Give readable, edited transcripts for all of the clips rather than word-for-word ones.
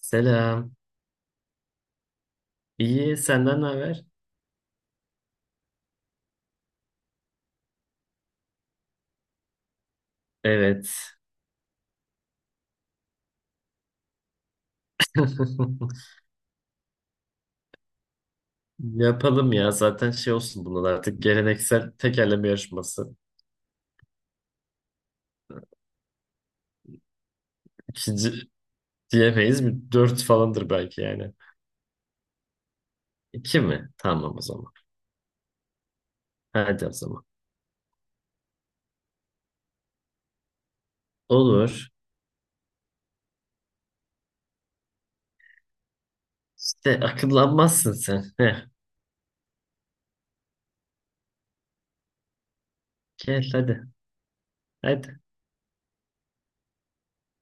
Selam. İyi, senden ne haber? Evet. Yapalım ya. Zaten şey olsun bunlar artık geleneksel tekerleme yarışması. İkinci diyemeyiz. Bir dört falandır belki yani. İki mi? Tamam o zaman. Hadi o zaman. Olur. İşte akıllanmazsın sen. Heh. Gel hadi. Hadi.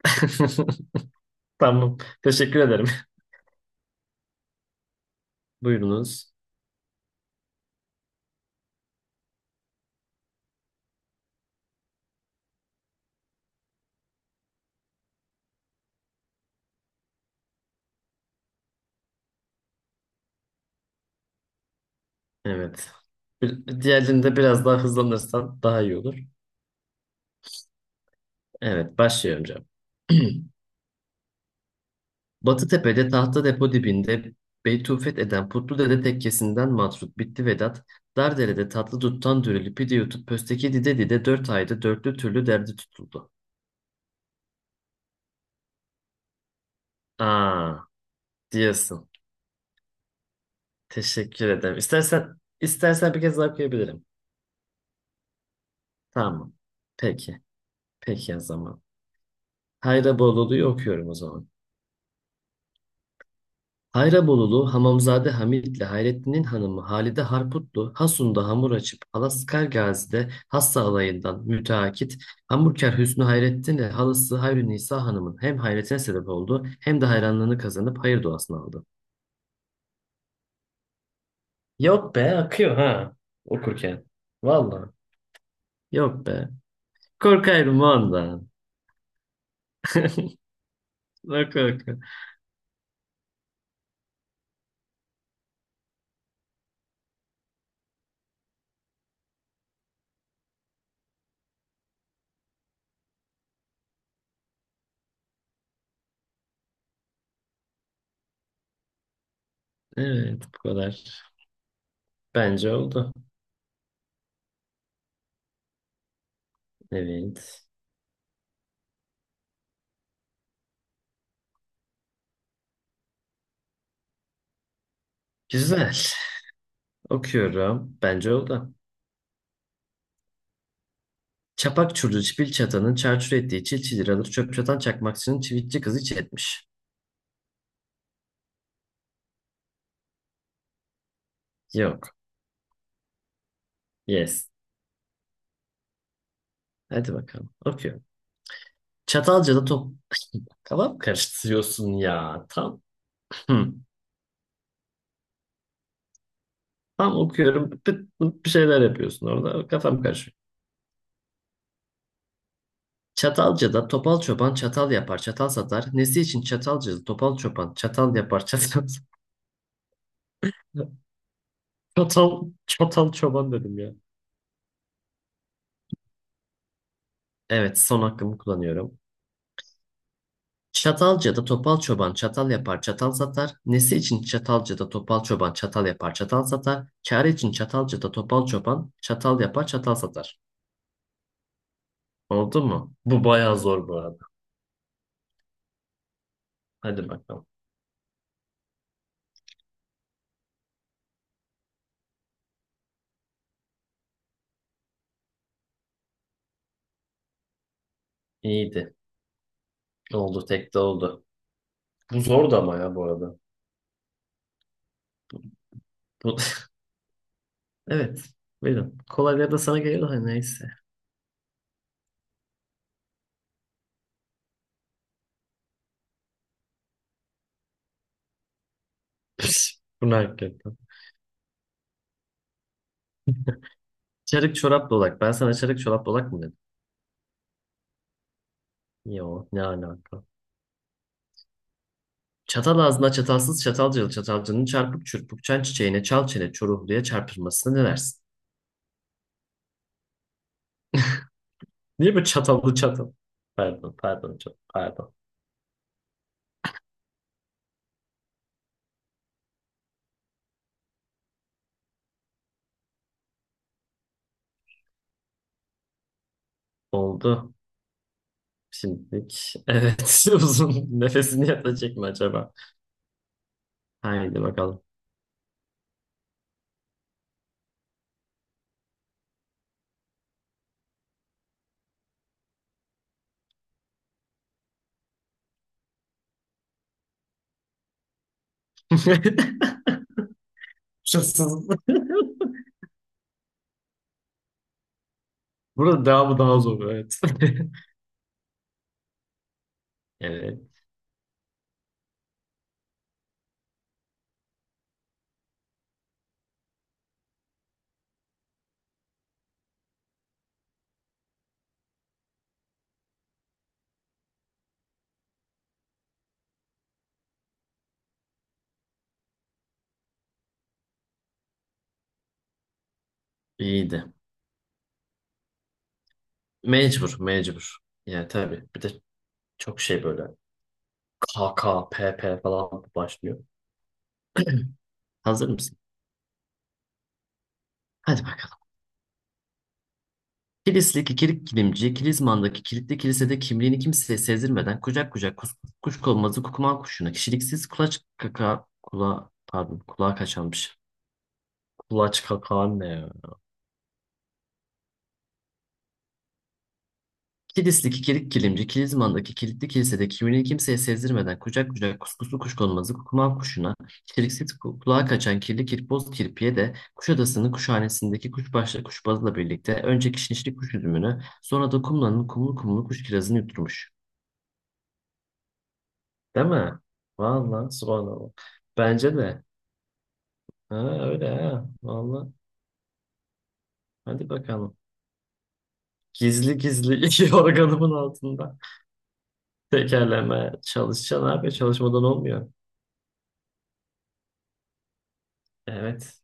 Tamam. Teşekkür ederim. Buyurunuz. Evet. Diğerinde biraz daha hızlanırsan daha iyi olur. Evet, başlıyorum. Batıtepe'de tahta depo dibinde Beytufet eden Putlu Dede tekkesinden matrut bitti Vedat. Dardere'de tatlı duttan dürülü pide yutup pösteki dide dide dört ayda dörtlü türlü derdi tutuldu. Aa, diyorsun. Teşekkür ederim. İstersen bir kez daha okuyabilirim. Tamam. Peki. Peki o zaman. Hayra Bolulu'yu okuyorum o zaman. Hayrabolulu Hamamzade Hamit'le Hayrettin'in hanımı Halide Harputlu, Hasun'da hamur açıp Alaskar Gazi'de hassa alayından müteakit hamburkar Hüsnü Hayrettin'le halası Hayrü Nisa Hanım'ın hem hayretine sebep oldu hem de hayranlığını kazanıp hayır duasını aldı. Yok be, akıyor ha okurken. Valla yok be. Korkarım ondan. Bak bak. Evet, bu kadar. Bence oldu. Evet. Güzel. Okuyorum. Bence oldu. Çapak çurdu çipil çatanın çarçur ettiği çil çil alır çöp çatan çakmakçının çivitçi kızı hiç etmiş. Yok. Yes. Hadi bakalım. Okuyorum. Çatalca'da top... Kafam karıştırıyorsun ya. Tam. Hı. Tam okuyorum. Pıt pıt bir şeyler yapıyorsun orada. Kafam karışıyor. Çatalca'da topal çoban çatal yapar çatal satar. Nesi için Çatalca'da topal çoban çatal yapar çatal satar. Çatal, çatal çoban dedim ya. Evet, son hakkımı kullanıyorum. Çatalca'da topal çoban çatal yapar çatal satar. Nesi için Çatalca'da topal çoban çatal yapar çatal satar. Çare için Çatalca'da topal çoban çatal yapar çatal satar. Oldu mu? Bu bayağı zor bu arada. Hadi bakalım. İyiydi. Oldu, tek de oldu. Bu zordu ama ya bu arada. Bu... Evet. Buyurun. Kolayları da sana geliyor da neyse. Bu ne hakikaten. Çarık çorap dolak. Ben sana çarık çorap dolak mı dedim? Yo, ne alaka. Çatal ağzına çatalsız çatalcılı çatalcının çarpık çırpık çan çiçeğine çal çene çoruhluya çarpılmasına ne dersin? Niye böyle çatallı çatal? Pardon, pardon, çok pardon. Oldu. Şimdilik. Evet, uzun nefesini yatacak mı acaba? Haydi bakalım. Şanssız. Burada devamı daha zor, evet. Evet, iyiydi. Mecbur, mecbur. Yani tabii. Bir de çok şey böyle K K P P falan başlıyor. Hazır mısın? Hadi bakalım. Kilislik ikilik kilimci, Kilizman'daki kilitli kilisede kimliğini kimseye sezdirmeden kucak kucak kus, kuşkonmazı kukuman kuşuna kişiliksiz kulaç kaka kula, pardon, kulağa kaçanmış. Kulaç kaka ne ya? Kilislik ikilik kilimci, Kilizman'daki kilitli kilisede kimliğini kimseye sezdirmeden kucak kucak kuskuslu kuşkonmazı kukuman kuşuna kişiliksiz kulağa kaçan kirli kirpoz kirpiye de Kuşadası'nın kuşhanesindeki kuşbaşlı kuşbazla birlikte önce kişnişli kuş üzümünü sonra da kumlanın kumlu kumlu kuş kirazını yutturmuş. Değil mi? Vallahi subhanallah. Bence de. Ha, öyle ha. Vallahi. Hadi bakalım. Gizli gizli yorganımın altında. Tekerleme çalışacaksın abi. Çalışmadan olmuyor. Evet.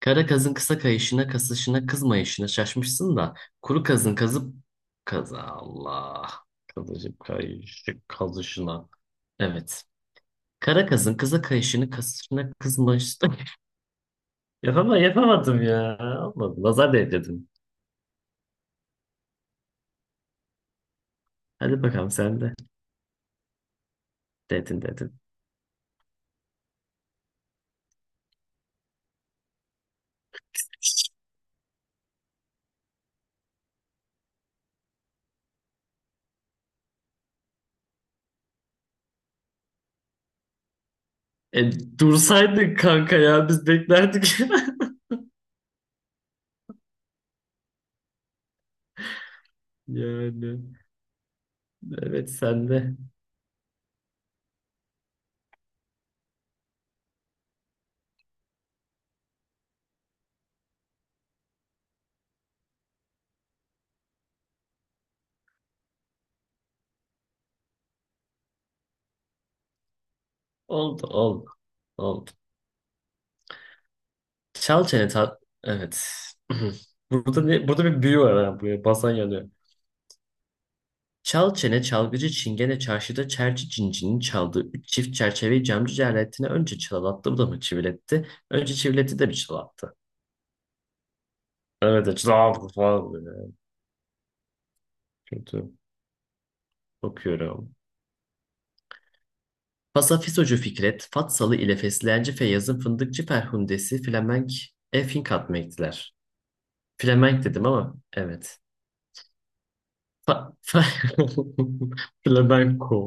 Kara kazın kısa kayışına, kasışına, kızmayışına şaşmışsın da. Kuru kazın kazıp... kazı Allah. Kazıcıp kayışı, kazışına. Evet. Kara kazın kısa kayışını, kasışına, kızmayışına. Yapamadım ya. Olmadı. Nazar değdirdim. Hadi bakalım sen de. Dedin dedin. E, dursaydın kanka ya, biz beklerdik. Yani evet, sen de. Oldu oldu. Oldu. Çal çene tat. Evet. Burada bir büyü var ha, buraya basan yanıyor. Çal çene çalgıcı çingene çarşıda çerçi cincinin çaldığı üç çift çerçeveyi camcı cerretine önce çalalattı bu da mı çiviletti? Önce çiviletti de mi çalattı? Evet, çalattı falan böyle. Kötü. Okuyorum. Pasafisocu Fikret, Fatsalı ile Fesleğenci Feyyaz'ın Fındıkçı Ferhundesi Flemenk Finkat mı? Flemenk dedim ama evet. Fa fa Flamenco.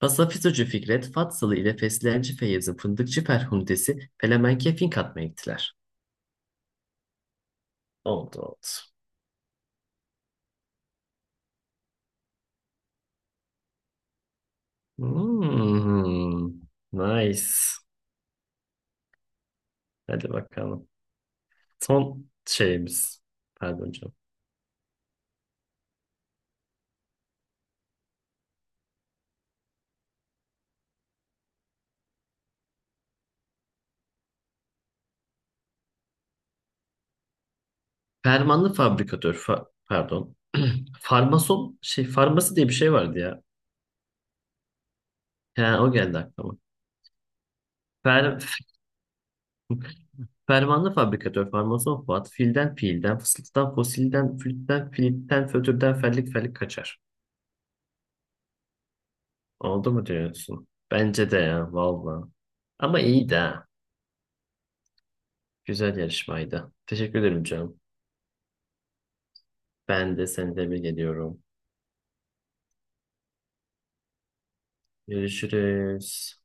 Pasafisocu Fikret, Fatsalı ile Fesleğenci Feyyaz'ın Fındıkçı Ferhundesi Flemenk'e Finkat mı? Oldu oldu. Hmm, nice. Hadi bakalım. Son şeyimiz. Pardon canım. Fermanlı fabrikatör pardon. Farmason şey, farması diye bir şey vardı ya. He, o geldi aklıma. Fer, fermanlı fabrikatör, farmason Fuat, filden fiilden, fısıltıdan fosilden, flütten, filitten, fötürden, fellik fellik kaçar. Oldu mu diyorsun? Bence de ya, valla. Ama iyiydi ha. Güzel yarışmaydı. Teşekkür ederim canım. Ben de seni tebrik ediyorum. Görüşürüz.